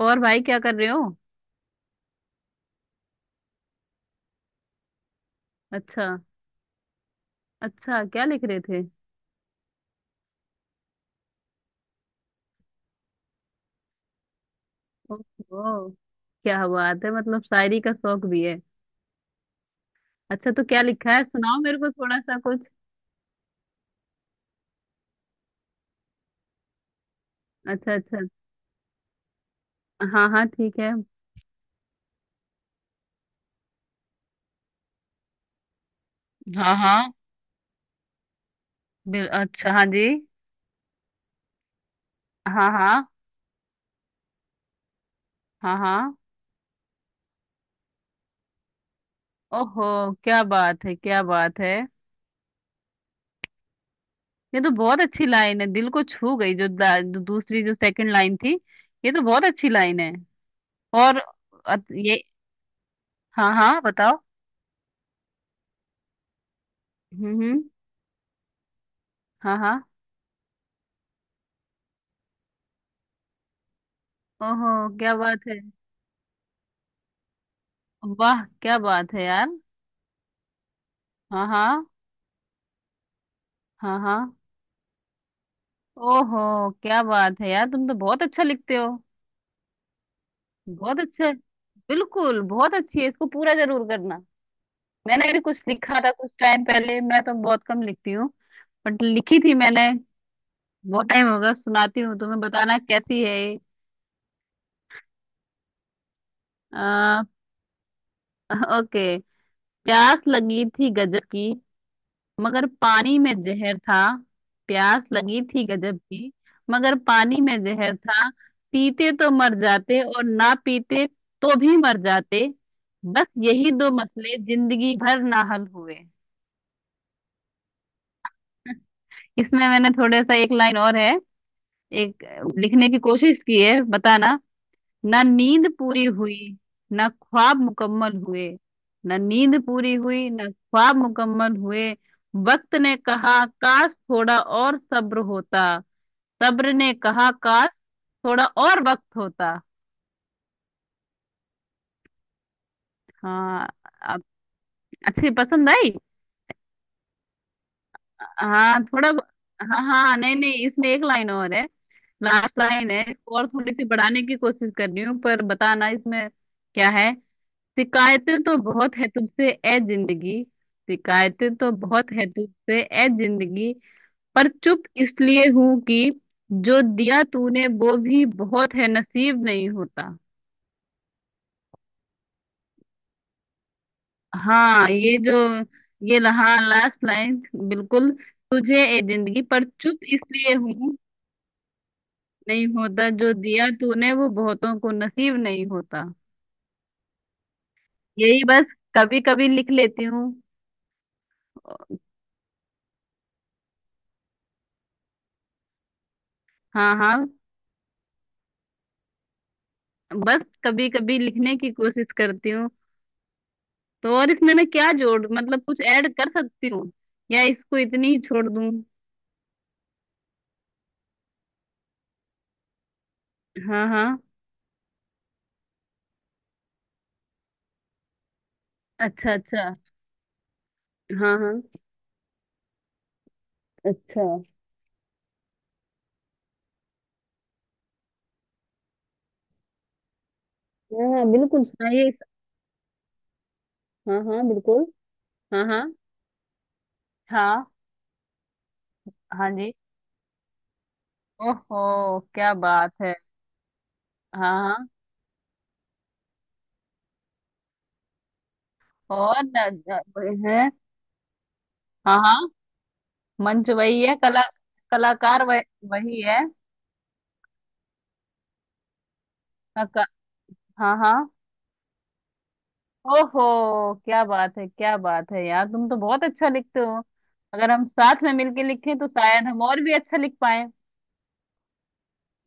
और भाई क्या कर रहे हो। अच्छा। अच्छा क्या लिख रहे थे। ओहो क्या बात है, मतलब शायरी का शौक भी है। अच्छा तो क्या लिखा है, सुनाओ मेरे को थोड़ा सा कुछ। अच्छा अच्छा। हाँ हाँ ठीक है। हाँ हाँ, बिल अच्छा, हाँ जी। हाँ हाँ। हाँ हाँ। ओहो क्या बात है क्या बात है, ये तो बहुत अच्छी लाइन है, दिल को छू गई, जो दूसरी जो सेकंड लाइन थी। ये तो बहुत अच्छी लाइन है। और ये। हाँ हाँ बताओ। हम्म। हाँ हाँ। ओहो क्या बात है। वाह क्या बात है यार। हाँ हाँ। हाँ हाँ। ओहो क्या बात है यार, तुम तो बहुत अच्छा लिखते हो। बहुत अच्छा। बिल्कुल बहुत अच्छी है, इसको पूरा जरूर करना। मैंने भी कुछ लिखा था कुछ टाइम पहले, मैं तो बहुत कम लिखती हूँ। बट लिखी थी मैंने। बहुत टाइम होगा, सुनाती हूँ तुम्हें, बताना कैसी है ये। आ, ओके। प्यास लगी थी गजब की, मगर पानी में जहर था। प्यास लगी थी गजब की, मगर पानी में जहर था। पीते तो मर जाते, और ना पीते तो भी मर जाते। बस यही दो मसले जिंदगी भर ना हल हुए। इसमें मैंने थोड़ा सा, एक लाइन और है। एक लिखने की कोशिश की है, बताना। ना नींद पूरी हुई, ना ख्वाब मुकम्मल हुए। ना नींद पूरी हुई, ना ख्वाब मुकम्मल हुए। वक्त ने कहा काश थोड़ा और सब्र होता। सब्र ने कहा काश थोड़ा और वक्त होता। हाँ। आप अच्छी पसंद आई। हाँ थोड़ा। हाँ हाँ, नहीं नहीं, इसमें एक लाइन और है। लास्ट लाइन है, इसको और थोड़ी सी बढ़ाने की कोशिश कर रही हूँ, पर बताना इसमें क्या है। शिकायतें तो बहुत है तुझसे ए जिंदगी। शिकायतें तो बहुत है तुझसे ए जिंदगी, पर चुप इसलिए हूं कि जो दिया तूने वो भी बहुत है, नसीब नहीं होता। हाँ ये जो, हाँ लास्ट लाइन बिल्कुल। तुझे ए जिंदगी पर चुप इसलिए हूँ। नहीं होता, जो दिया तूने वो बहुतों को नसीब नहीं होता। यही, बस कभी कभी लिख लेती हूँ। हाँ हाँ। बस कभी कभी लिखने की कोशिश करती हूँ। तो और इसमें मैं क्या जोड़, मतलब कुछ ऐड कर सकती हूँ या इसको इतनी ही छोड़ दूँ। हाँ हाँ। अच्छा अच्छा। हाँ हाँ। अच्छा। हाँ हाँ बिल्कुल, सुनाइए हाँ हाँ बिल्कुल। हाँ हाँ। हाँ हाँ जी। ओहो क्या बात है। हाँ हाँ। और न, न, वही है। हाँ हाँ। मंच वही है कला। कलाकार वह, वही है। कला- हाँ हाँ। ओहो क्या बात है यार, तुम तो बहुत अच्छा लिखते हो। अगर हम साथ में मिलके लिखें तो शायद हम और भी अच्छा लिख पाए।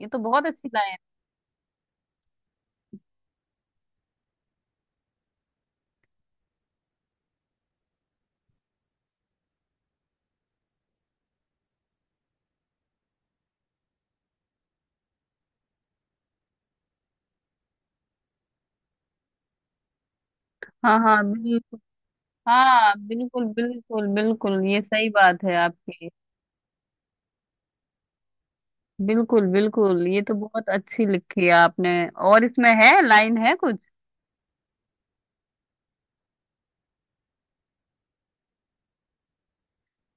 ये तो बहुत अच्छी लाइन है। हाँ हाँ बिल्कुल। हाँ बिल्कुल बिल्कुल बिल्कुल, ये सही बात है आपकी। बिल्कुल बिल्कुल, ये तो बहुत अच्छी लिखी है आपने। और इसमें है लाइन है कुछ।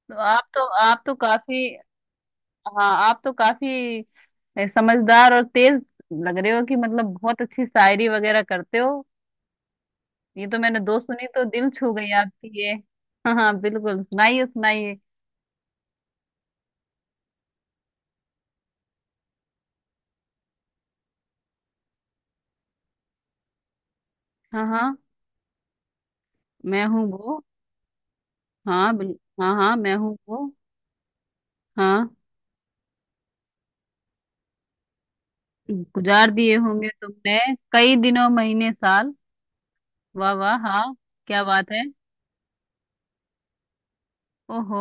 आप तो काफी। हाँ आप तो काफी समझदार और तेज लग रहे हो कि मतलब बहुत अच्छी शायरी वगैरह करते हो। ये तो मैंने दो सुनी तो दिल छू गई आपकी ये। हाँ हाँ बिल्कुल, सुनाइए सुनाइए। हाँ हाँ मैं हूँ वो। हाँ बिल। हाँ हाँ मैं हूँ वो। हाँ। गुजार दिए होंगे तुमने कई दिनों महीने साल। वाह वाह हाँ। क्या बात है। ओहो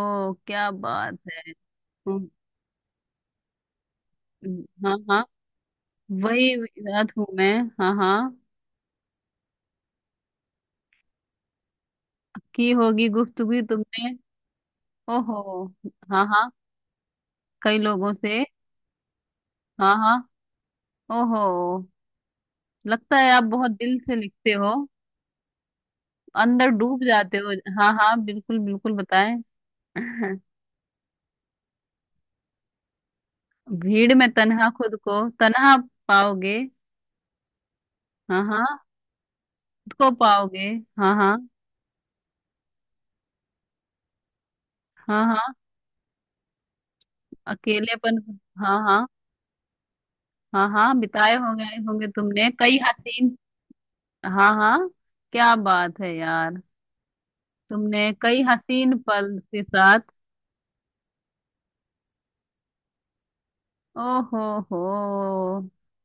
क्या बात है। हम्म, हाँ हाँ। वही रात हूँ मैं। हाँ हाँ। की होगी गुफ्तगू तुमने। ओहो। हाँ हाँ। कई लोगों से। हाँ हाँ। ओहो। लगता है आप बहुत दिल से लिखते हो, अंदर डूब जाते हो। हाँ हाँ बिल्कुल बिल्कुल बताएं। भीड़ में तन्हा खुद को तन्हा पाओगे। हाँ हाँ। खुद को पाओगे। हाँ हाँ। हाँ हाँ। अकेलेपन। हाँ हाँ। हाँ हाँ। बिताए होंगे होंगे तुमने कई हसीन। हाँ हाँ। क्या बात है यार। तुमने कई हसीन पल के साथ। ओहो। हो,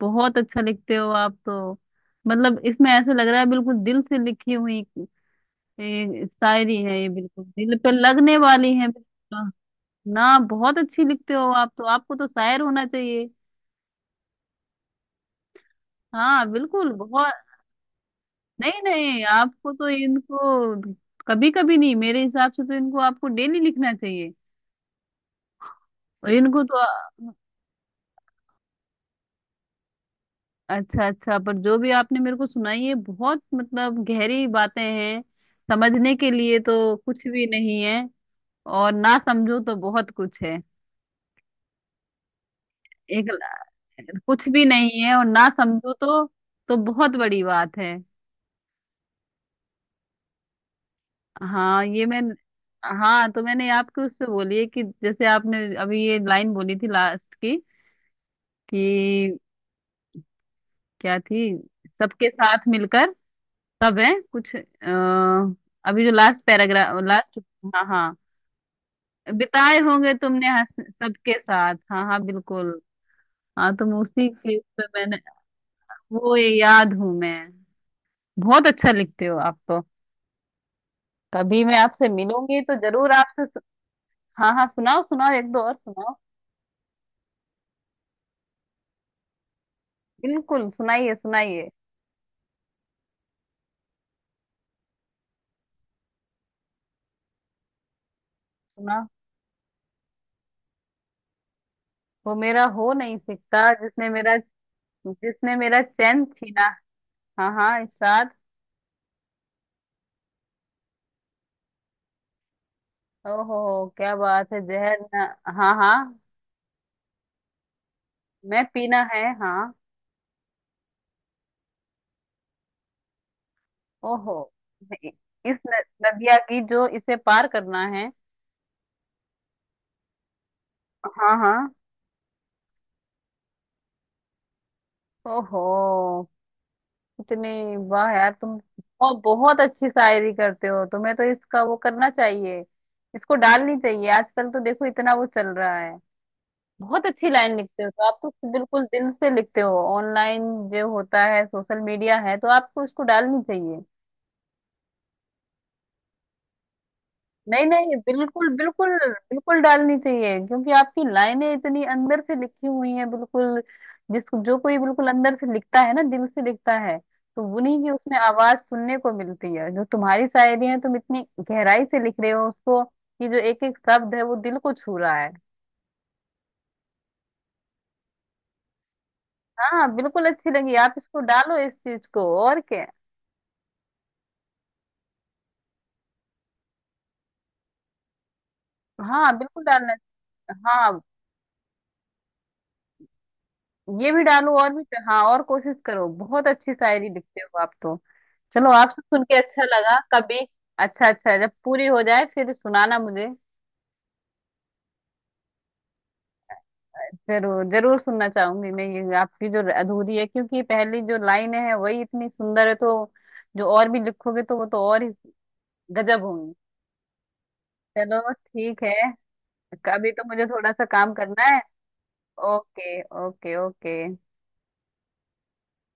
बहुत अच्छा लिखते हो आप तो। मतलब इसमें ऐसा लग रहा है, बिल्कुल दिल से लिखी हुई शायरी है ये, बिल्कुल दिल पे लगने वाली है बिल्कुल। ना बहुत अच्छी लिखते हो आप तो, आपको तो शायर होना चाहिए। हाँ बिल्कुल, बहुत। नहीं नहीं आपको तो इनको, कभी कभी नहीं, मेरे हिसाब से तो इनको आपको डेली लिखना चाहिए। और इनको तो अच्छा अच्छा, पर जो भी आपने मेरे को सुनाई है बहुत मतलब गहरी बातें हैं। समझने के लिए तो कुछ भी नहीं है, और ना समझो तो बहुत कुछ है। एक कुछ भी नहीं है, और ना समझो तो बहुत बड़ी बात है। हाँ ये मैं। हाँ तो मैंने आपको उससे बोली है कि जैसे आपने अभी ये लाइन बोली थी लास्ट की कि क्या थी। सबके साथ मिलकर, सब है कुछ अभी जो लास्ट पैराग्राफ लास्ट। हाँ हाँ। बिताए होंगे तुमने हंस सबके साथ, हाँ हाँ बिल्कुल। हाँ तुम उसी के पे मैंने वो ये याद हूँ मैं। बहुत अच्छा लिखते हो आप तो। कभी मैं आपसे मिलूंगी तो जरूर आपसे हाँ हाँ सुनाओ सुनाओ, एक दो और सुनाओ। बिल्कुल सुनाइए सुनाइए। सुना, वो मेरा हो नहीं सकता जिसने मेरा, जिसने मेरा चैन छीना। हाँ हाँ इरशाद। ओहो क्या बात है, जहर ना। हाँ हाँ। मैं पीना है। हाँ। ओहो। इ- इस नदिया की जो इसे पार करना है। हाँ हाँ। ओहो। इतनी वाह यार तुम बहुत बहुत अच्छी शायरी करते हो, तुम्हें तो इसका वो करना चाहिए, इसको डालनी चाहिए। आजकल तो देखो इतना वो चल रहा है। बहुत अच्छी लाइन लिखते हो तो आप तो बिल्कुल दिल से लिखते हो, ऑनलाइन जो होता है सोशल मीडिया है तो आपको इसको डालनी चाहिए। नहीं नहीं बिल्कुल बिल्कुल, बिल्कुल डालनी चाहिए क्योंकि आपकी लाइनें इतनी अंदर से लिखी हुई हैं बिल्कुल। जिसको, जो कोई बिल्कुल अंदर से लिखता है ना, दिल से लिखता है, तो उन्हीं की उसमें आवाज सुनने को मिलती है। जो तुम्हारी शायरी है तुम इतनी गहराई से लिख रहे हो उसको, कि जो एक एक शब्द है वो दिल को छू रहा है। हाँ बिल्कुल अच्छी लगी, आप इसको डालो इस चीज को और क्या। हाँ बिल्कुल डालना। हाँ ये भी डालो और भी। हाँ और कोशिश करो, बहुत अच्छी शायरी लिखते हो आप तो। चलो आपसे सुन के अच्छा लगा कभी। अच्छा अच्छा, जब पूरी हो जाए फिर सुनाना मुझे। जरूर जरूर सुनना चाहूंगी मैं ये आपकी जो अधूरी है, क्योंकि पहली जो लाइन है वही इतनी सुंदर है, तो जो और भी लिखोगे तो वो तो और ही गजब होंगी। चलो ठीक है। अभी तो मुझे थोड़ा सा काम करना है। Okay okay. ओके।